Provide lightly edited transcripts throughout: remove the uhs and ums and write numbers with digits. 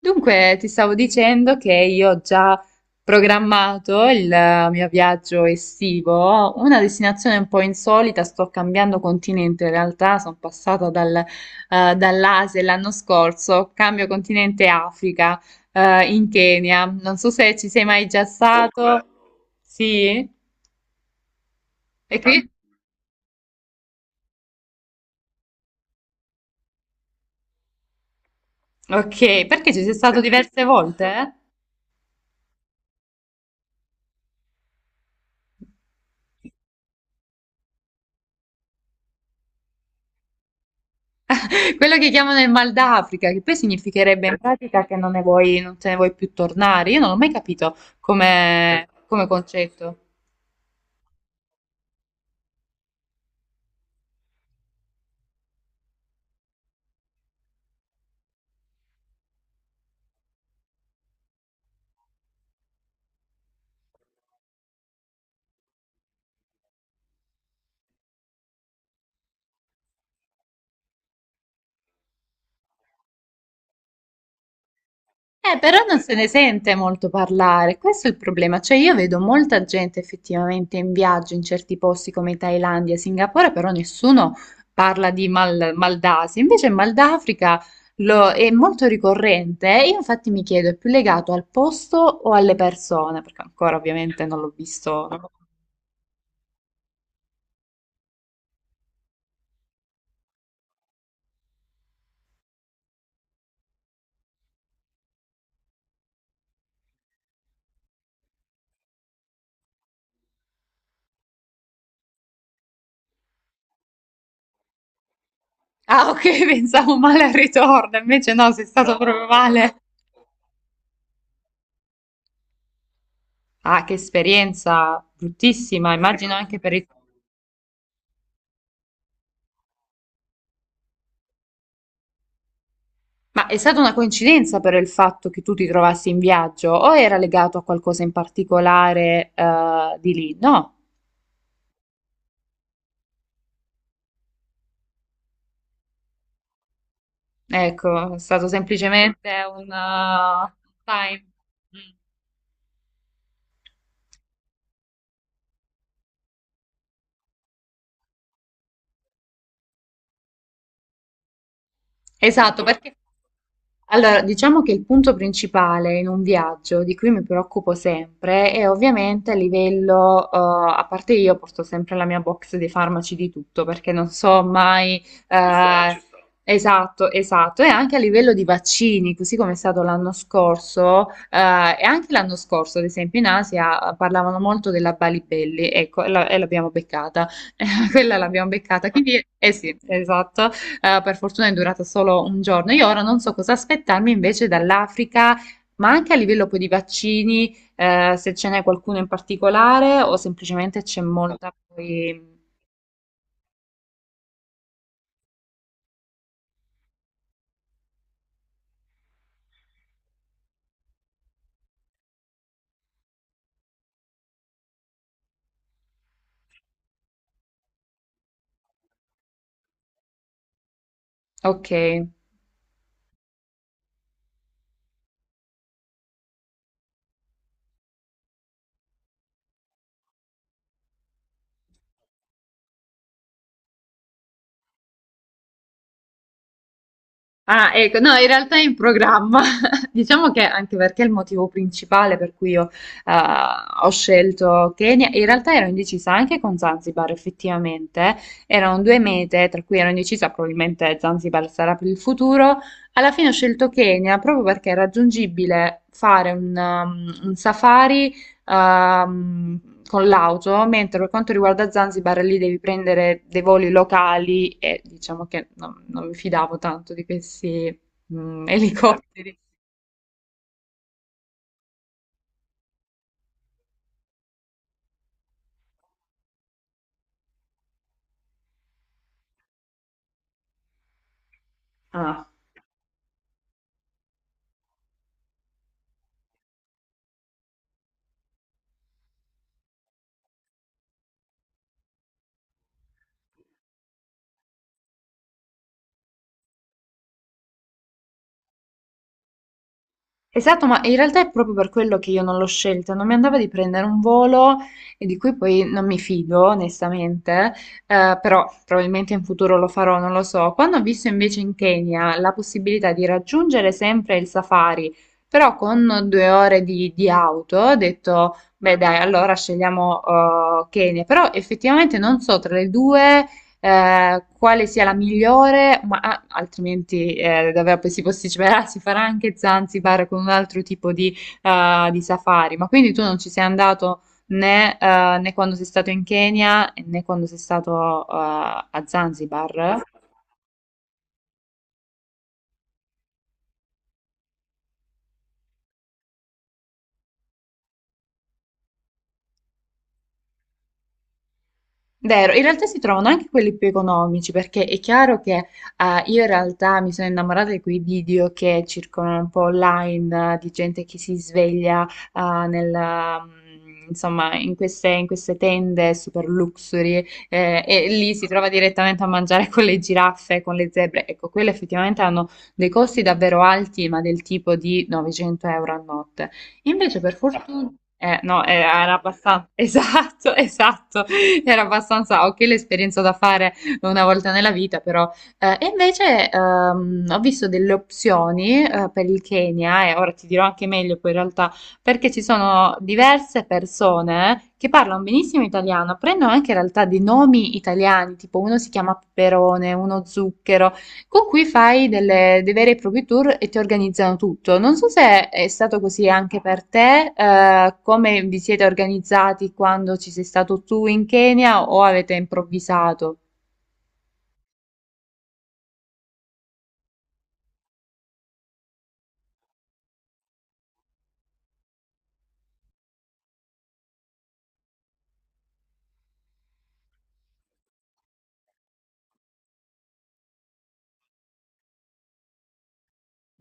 Dunque, ti stavo dicendo che io ho già programmato il mio viaggio estivo, una destinazione un po' insolita, sto cambiando continente, in realtà sono passata dall'Asia l'anno scorso, cambio continente Africa, in Kenya, non so se ci sei mai già. Oh, che stato bello. Sì? E qui? Ok, perché ci sei stato diverse volte, eh? Quello che chiamano il mal d'Africa, che poi significherebbe in pratica che non ne vuoi, non te ne vuoi più tornare. Io non l'ho mai capito come, come concetto. Però non se ne sente molto parlare, questo è il problema. Cioè, io vedo molta gente effettivamente in viaggio in certi posti come Thailandia, Singapore, però nessuno parla di mal d'Asia. Invece il mal d'Africa è molto ricorrente, eh. Io infatti mi chiedo, è più legato al posto o alle persone? Perché ancora ovviamente non l'ho visto. Ah, ok, pensavo male al ritorno, invece no, sei stato proprio... No, male. Ah, che esperienza bruttissima, immagino anche per il... Ma è stata una coincidenza per il fatto che tu ti trovassi in viaggio o era legato a qualcosa in particolare di lì? No, ecco, è stato semplicemente un time. Mm. Esatto, perché... Allora, diciamo che il punto principale in un viaggio di cui mi preoccupo sempre è ovviamente a livello, a parte io porto sempre la mia box dei farmaci di tutto perché non so mai, ci eh, ci esatto, esatto, e anche a livello di vaccini, così come è stato l'anno scorso, e anche l'anno scorso, ad esempio in Asia, parlavano molto della Balibelli, ecco, e e l'abbiamo beccata, quella l'abbiamo beccata, quindi, eh sì, esatto. Per fortuna è durata solo un giorno. Io ora non so cosa aspettarmi invece dall'Africa, ma anche a livello poi di vaccini, se ce n'è qualcuno in particolare o semplicemente c'è molta poi... Ok. Ah, ecco, no, in realtà è in programma. Diciamo che anche perché il motivo principale per cui io eh, ho scelto Kenya, in realtà ero indecisa anche con Zanzibar, effettivamente. Erano due mete, tra cui ero indecisa, probabilmente Zanzibar sarà per il futuro. Alla fine ho scelto Kenya proprio perché è raggiungibile fare un un safari con l'auto, mentre per quanto riguarda Zanzibar lì devi prendere dei voli locali e diciamo che non mi fidavo tanto di questi elicotteri. Elicotteri. Esatto, ma in realtà è proprio per quello che io non l'ho scelta, non mi andava di prendere un volo e di cui poi non mi fido, onestamente, però probabilmente in futuro lo farò, non lo so. Quando ho visto invece in Kenya la possibilità di raggiungere sempre il safari, però con due ore di auto, ho detto, beh dai, allora scegliamo Kenya, però effettivamente non so tra le due quale sia la migliore, ma ah, altrimenti davvero poi si posticiperà, si farà anche Zanzibar con un altro tipo di safari. Ma quindi tu non ci sei andato né, né quando sei stato in Kenya né quando sei stato a Zanzibar? Vero, in realtà si trovano anche quelli più economici, perché è chiaro che io in realtà mi sono innamorata di quei video che circolano un po' online, di gente che si sveglia insomma, in in queste tende super luxury e lì si trova direttamente a mangiare con le giraffe, con le zebre. Ecco, quelle effettivamente hanno dei costi davvero alti, ma del tipo di 900 euro a notte. Invece, per fortuna... no, era abbastanza, esatto, esatto. Era abbastanza ok l'esperienza da fare una volta nella vita, però. E invece ho visto delle opzioni per il Kenya, e ora ti dirò anche meglio poi in realtà, perché ci sono diverse persone che parlano benissimo italiano, prendono anche in realtà dei nomi italiani, tipo uno si chiama Peperone, uno Zucchero. Con cui fai dei veri e propri tour e ti organizzano tutto. Non so se è stato così anche per te, come vi siete organizzati quando ci sei stato tu in Kenya o avete improvvisato?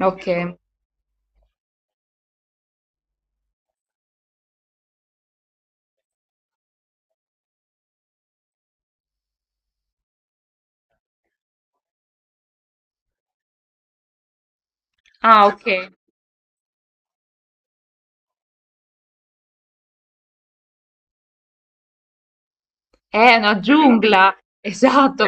Ok. Ah, ok. È una giungla. Esatto.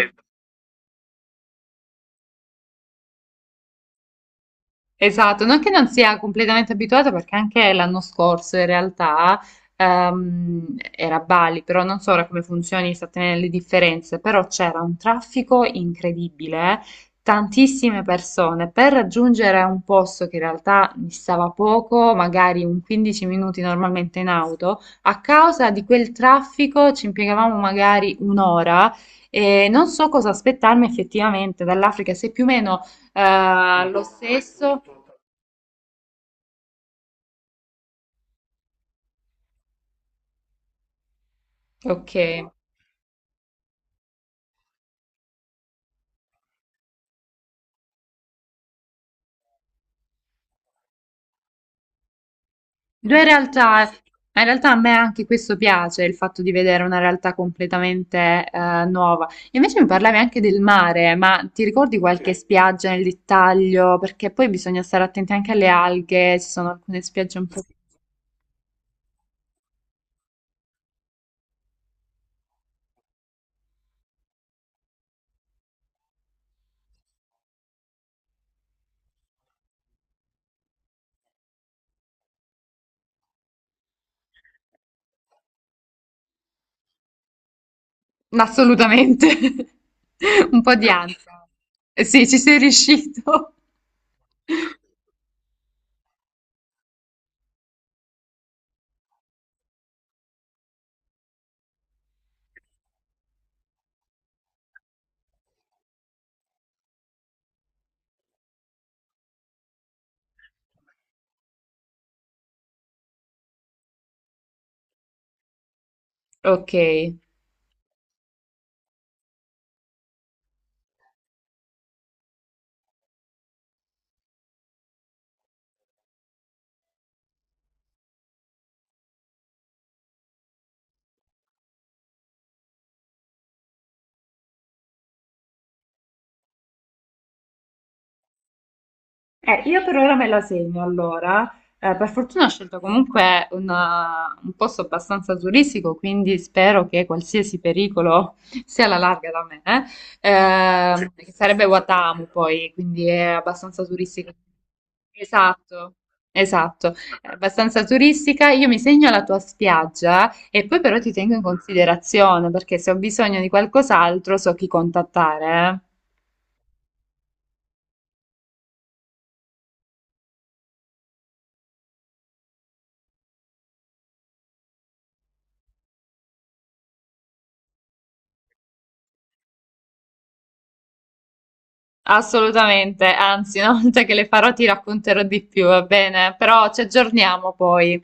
Esatto, non che non sia completamente abituata perché anche l'anno scorso in realtà era a Bali, però non so ora come funzioni esattamente le differenze, però c'era un traffico incredibile, tantissime persone per raggiungere un posto che in realtà distava poco, magari un 15 minuti normalmente in auto, a causa di quel traffico ci impiegavamo magari un'ora e non so cosa aspettarmi effettivamente dall'Africa, se più o meno... lo stesso? Ok. Due realtà, in realtà a me anche questo piace, il fatto di vedere una realtà completamente nuova. Invece mi parlavi anche del mare, ma ti ricordi qualche... Sì. Spiaggia nel dettaglio? Perché poi bisogna stare attenti anche alle alghe, ci sono alcune spiagge un po'... Assolutamente, un po' di ansia. Eh sì, ci sei riuscito. Ok. Io per ora me la segno allora. Per fortuna ho scelto comunque un posto abbastanza turistico, quindi spero che qualsiasi pericolo sia alla larga da me, che sarebbe Watamu poi, quindi è abbastanza turistica. Esatto, esatto, è abbastanza turistica. Io mi segno la tua spiaggia e poi però ti tengo in considerazione perché se ho bisogno di qualcos'altro so chi contattare, eh. Assolutamente, anzi, una volta che le farò ti racconterò di più, va bene? Però ci aggiorniamo poi.